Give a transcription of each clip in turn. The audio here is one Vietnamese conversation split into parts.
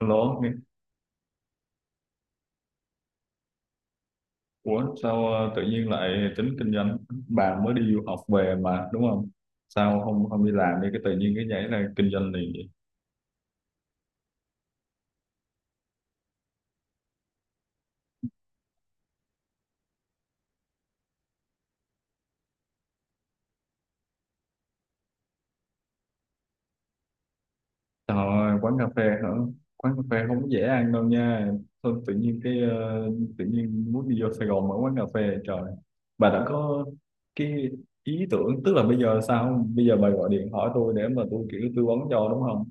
Lố, ủa sao, tự nhiên lại tính kinh doanh? Bà mới đi du học về mà đúng không? Sao không không đi làm đi, cái tự nhiên cái nhảy ra kinh doanh liền vậy? Trời ơi, quán cà phê hả? Quán cà phê không có dễ ăn đâu nha. Thôi, tự nhiên muốn đi vô Sài Gòn mở quán cà phê, trời. Bà đã có cái ý tưởng, tức là bây giờ sao? Bây giờ bà gọi điện hỏi tôi để mà tôi kiểu tư vấn cho, đúng không?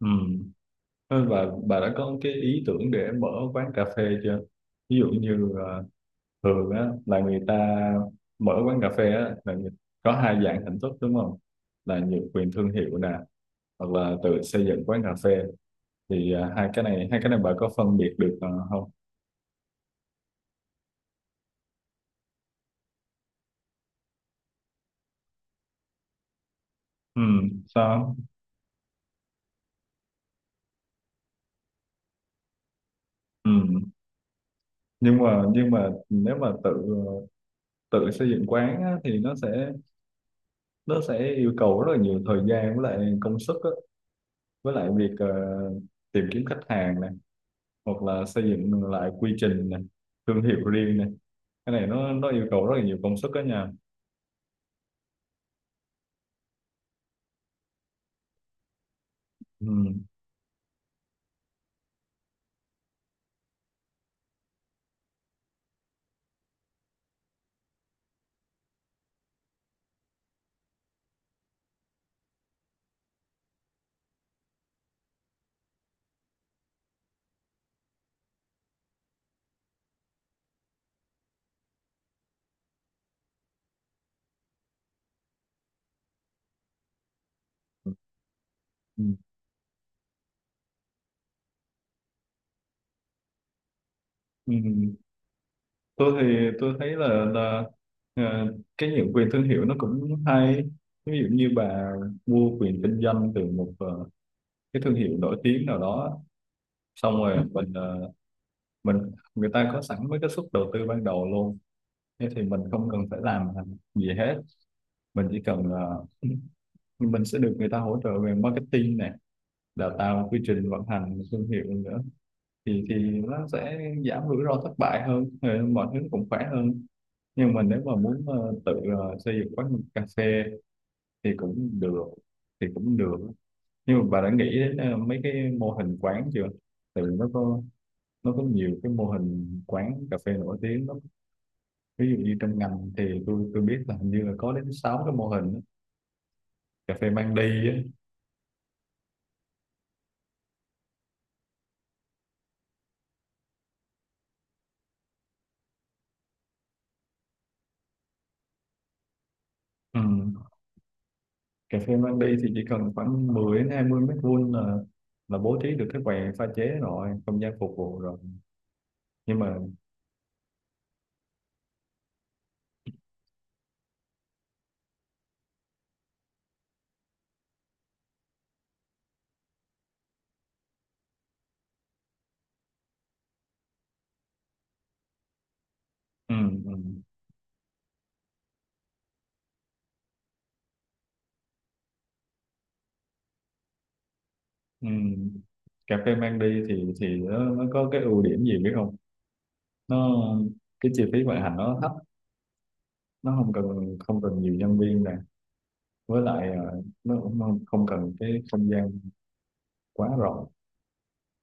Ừ. Thôi, bà đã có cái ý tưởng để mở quán cà phê chưa? Ví dụ như thường á là người ta mở quán cà phê á, là có hai dạng hình thức đúng không, là nhượng quyền thương hiệu nè, hoặc là tự xây dựng quán cà phê. Thì hai cái này, bà có phân biệt được không? Ừ. Sao? Ừ. Nhưng mà nếu mà ờ, tự xây dựng quán á, thì nó sẽ, yêu cầu rất là nhiều thời gian với lại công sức á, với lại việc tìm kiếm khách hàng này, hoặc là xây dựng lại quy trình này, thương hiệu riêng này. Cái này nó yêu cầu rất là nhiều công sức đó nha. Ừ. Ừ. Ừ. Tôi thì tôi thấy là ờ, cái nhượng quyền thương hiệu nó cũng hay. Ví dụ như bà mua quyền kinh doanh từ một cái thương hiệu nổi tiếng nào đó, xong rồi mình ờ, mình người ta có sẵn mấy cái suất đầu tư ban đầu luôn, thế thì mình không cần phải làm gì hết. Mình chỉ cần ờ, Mình sẽ được người ta hỗ trợ về marketing này, đào tạo một quy trình vận hành một thương hiệu nữa, thì nó sẽ giảm rủi ro thất bại hơn, mọi thứ cũng khỏe hơn. Nhưng mà nếu mà muốn tự xây dựng quán cà phê thì cũng được, thì cũng được nhưng mà bà đã nghĩ đến mấy cái mô hình quán chưa? Tại vì nó có, nhiều cái mô hình quán cà phê nổi tiếng lắm. Ví dụ như trong ngành thì tôi biết là hình như là có đến 6 cái mô hình á, cà phê mang đi á. Ừ. Cà phê mang đi thì chỉ cần khoảng 10 đến 20 mét vuông là bố trí được cái quầy pha chế, rồi không gian phục vụ rồi. Nhưng mà ừ, ừ, ừ. Cà phê mang đi thì nó, có cái ưu điểm gì biết không? Nó, cái chi phí vận hành nó thấp, nó không cần nhiều nhân viên nè. Với lại nó cũng không không cần cái không gian quá rộng.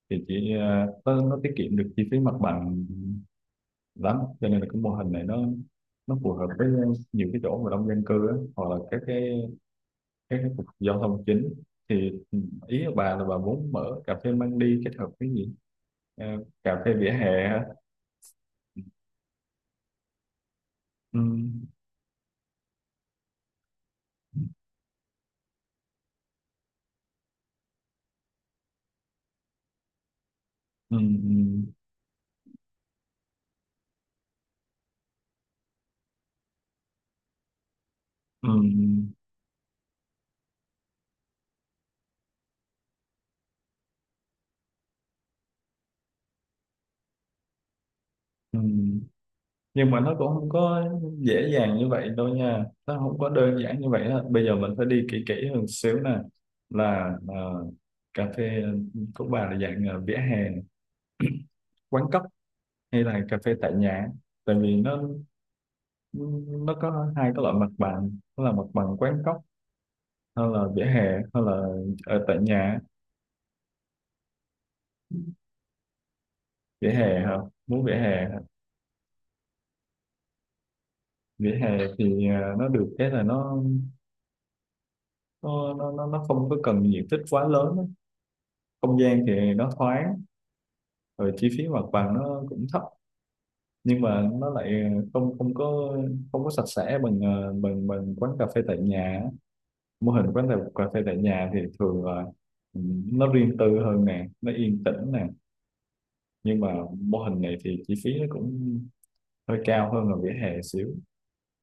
Thì chỉ nó, tiết kiệm được chi phí mặt bằng lắm, cho nên là cái mô hình này nó phù hợp với nhiều cái chỗ mà đông dân cư á, hoặc là các cái cục giao thông chính. Thì ý của bà là bà muốn mở cà phê mang đi kết hợp với gì? Ờ, cà phê vỉa hè hả? Ừ, ừ, ừ, ừ. Nhưng mà nó cũng không có dễ dàng như vậy đâu nha, nó không có đơn giản như vậy đó. Bây giờ mình phải đi kỹ kỹ hơn xíu nè, là cà phê của bà là dạng vỉa hè, quán cóc, hay là cà phê tại nhà? Tại vì nó, có hai cái loại mặt bằng, đó là mặt bằng quán cóc hay là vỉa hè, hay là ở tại nhà. Vỉa hè hả? Muốn vỉa hè hả? Vỉa hè thì nó được cái là nó, không có cần diện tích quá lớn á. Không gian thì nó thoáng, rồi chi phí mặt bằng nó cũng thấp. Nhưng mà nó lại không, không có sạch sẽ bằng bằng, quán cà phê tại nhà á. Mô hình quán cà cà phê tại nhà thì thường là, ừ, nó riêng tư hơn nè, nó yên tĩnh nè. Nhưng mà mô hình này thì chi phí nó cũng hơi cao hơn là vỉa hè xíu.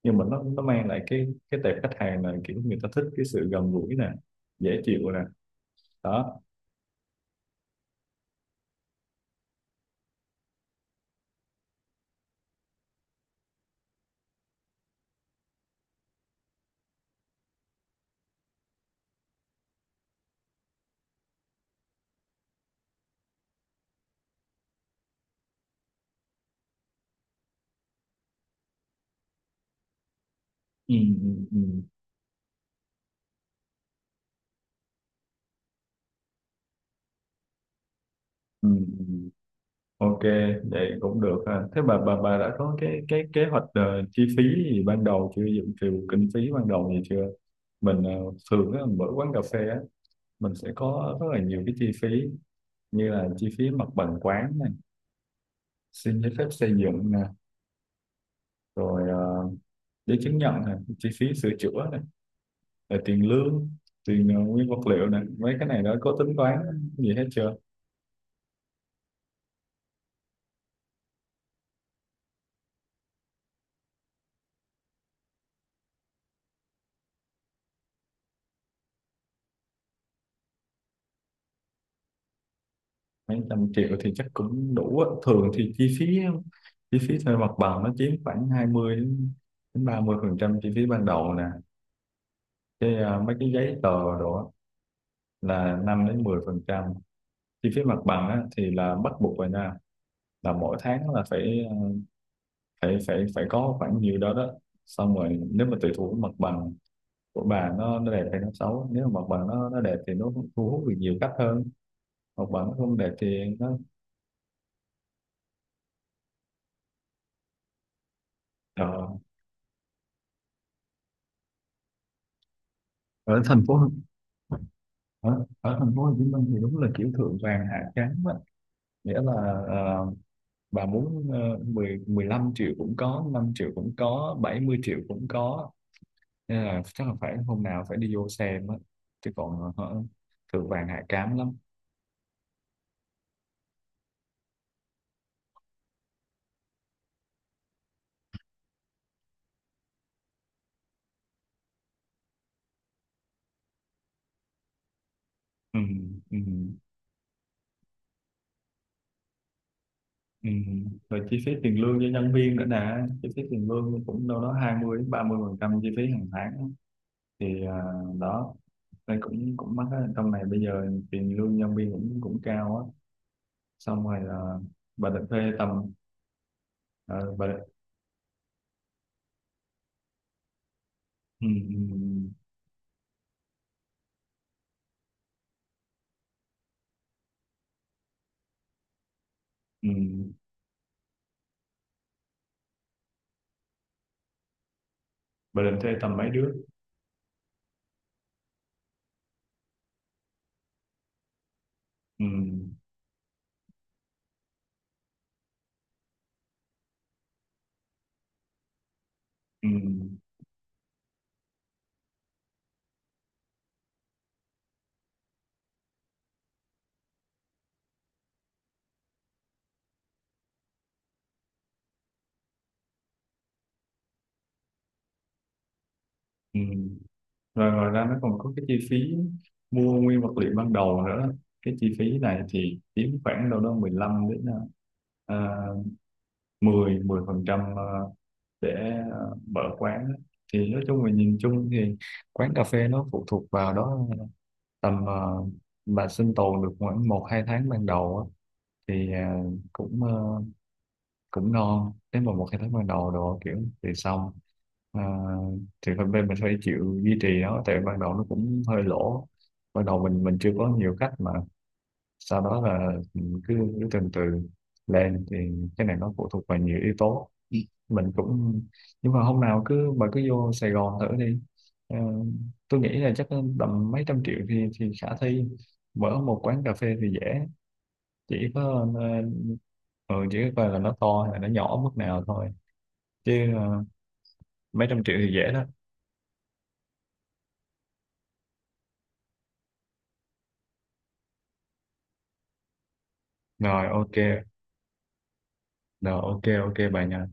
Nhưng mà nó mang lại cái, tệp khách hàng là kiểu người ta thích cái sự gần gũi nè, dễ chịu nè, đó. Ừ, ừ, ừ, ừ, ừ. Ok, vậy cũng được ha. Thế bà, đã có cái, kế hoạch chi phí gì ban đầu chưa, dự trù kinh phí ban đầu gì chưa? mình ờ, Thường á, mở quán cà phê á, mình sẽ có rất là nhiều cái chi phí, như là chi phí mặt bằng quán này, xin giấy phép xây dựng nè, rồi giấy chứng nhận nè, chi phí sửa chữa nè, rồi tiền lương, tiền nguyên vật liệu này, mấy cái này đó có tính toán gì hết chưa? Mấy trăm triệu thì chắc cũng đủ á. Thường thì chi phí, thuê mặt bằng nó chiếm khoảng 20 đến đến 30 phần trăm chi phí ban đầu nè. Cái mấy cái giấy tờ đồ á là 5% đến 10%. Chi phí mặt bằng á thì là bắt buộc rồi nha, là mỗi tháng là phải, phải có khoảng nhiêu đó đó. Xong rồi nếu mà tùy thuộc cái mặt bằng của bà, nó đẹp hay nó xấu. Nếu mà mặt bằng nó đẹp thì nó thu hút được nhiều khách hơn, học bổng không để tiền đó. Ờ, ở thành phố ở, thành phố Hồ Chí Minh thì đúng là kiểu thượng vàng hạ cám á, nghĩa là ờ, bà muốn, 10 15 triệu cũng có, 5 triệu cũng có, 70 triệu cũng có, nên là chắc là phải hôm nào phải đi vô xem á. Chứ còn thượng vàng hạ cám lắm. Ừ, ừ, ừ. Rồi chi phí tiền lương cho nhân viên nữa nè, chi phí tiền lương cũng đâu đó 20% đến 30% chi phí hàng tháng. Thì đó, đây cũng cũng mắc á, trong này bây giờ tiền lương nhân viên cũng cũng cao á. Xong rồi là bà định thuê tầm, ờ, bà định, ừ, ừ, ừ, ừ, bà định thuê tầm mấy đứa? Ừ, ừ, ừ. Rồi ngoài ra nó còn có cái chi phí mua nguyên vật liệu ban đầu nữa, cái chi phí này thì chiếm khoảng đâu đó 15 đến uh, 10, phần trăm để mở quán á. Thì nói chung là, nhìn chung thì quán cà phê nó phụ thuộc vào đó. Tầm bà sinh tồn được khoảng 1 2 tháng ban đầu á, thì cũng cũng ngon. Nếu mà 1 2 tháng ban đầu đồ kiểu thì xong. Ờ, thì phần bên mình phải chịu duy trì nó, tại ban đầu nó cũng hơi lỗ, ban đầu mình chưa có nhiều khách mà. Sau đó là mình cứ, từ từ lên. Thì cái này nó phụ thuộc vào nhiều yếu tố. Ừ. mình cũng Nhưng mà hôm nào cứ bà cứ vô Sài Gòn thử đi. Ờ, tôi nghĩ là chắc tầm mấy trăm triệu thì khả thi, mở một quán cà phê thì dễ, chỉ có ờ, ừ, chỉ có coi là nó to hay là nó nhỏ mức nào thôi. Chứ mấy trăm triệu thì dễ đó. Rồi ok, rồi ok, ok bà nha.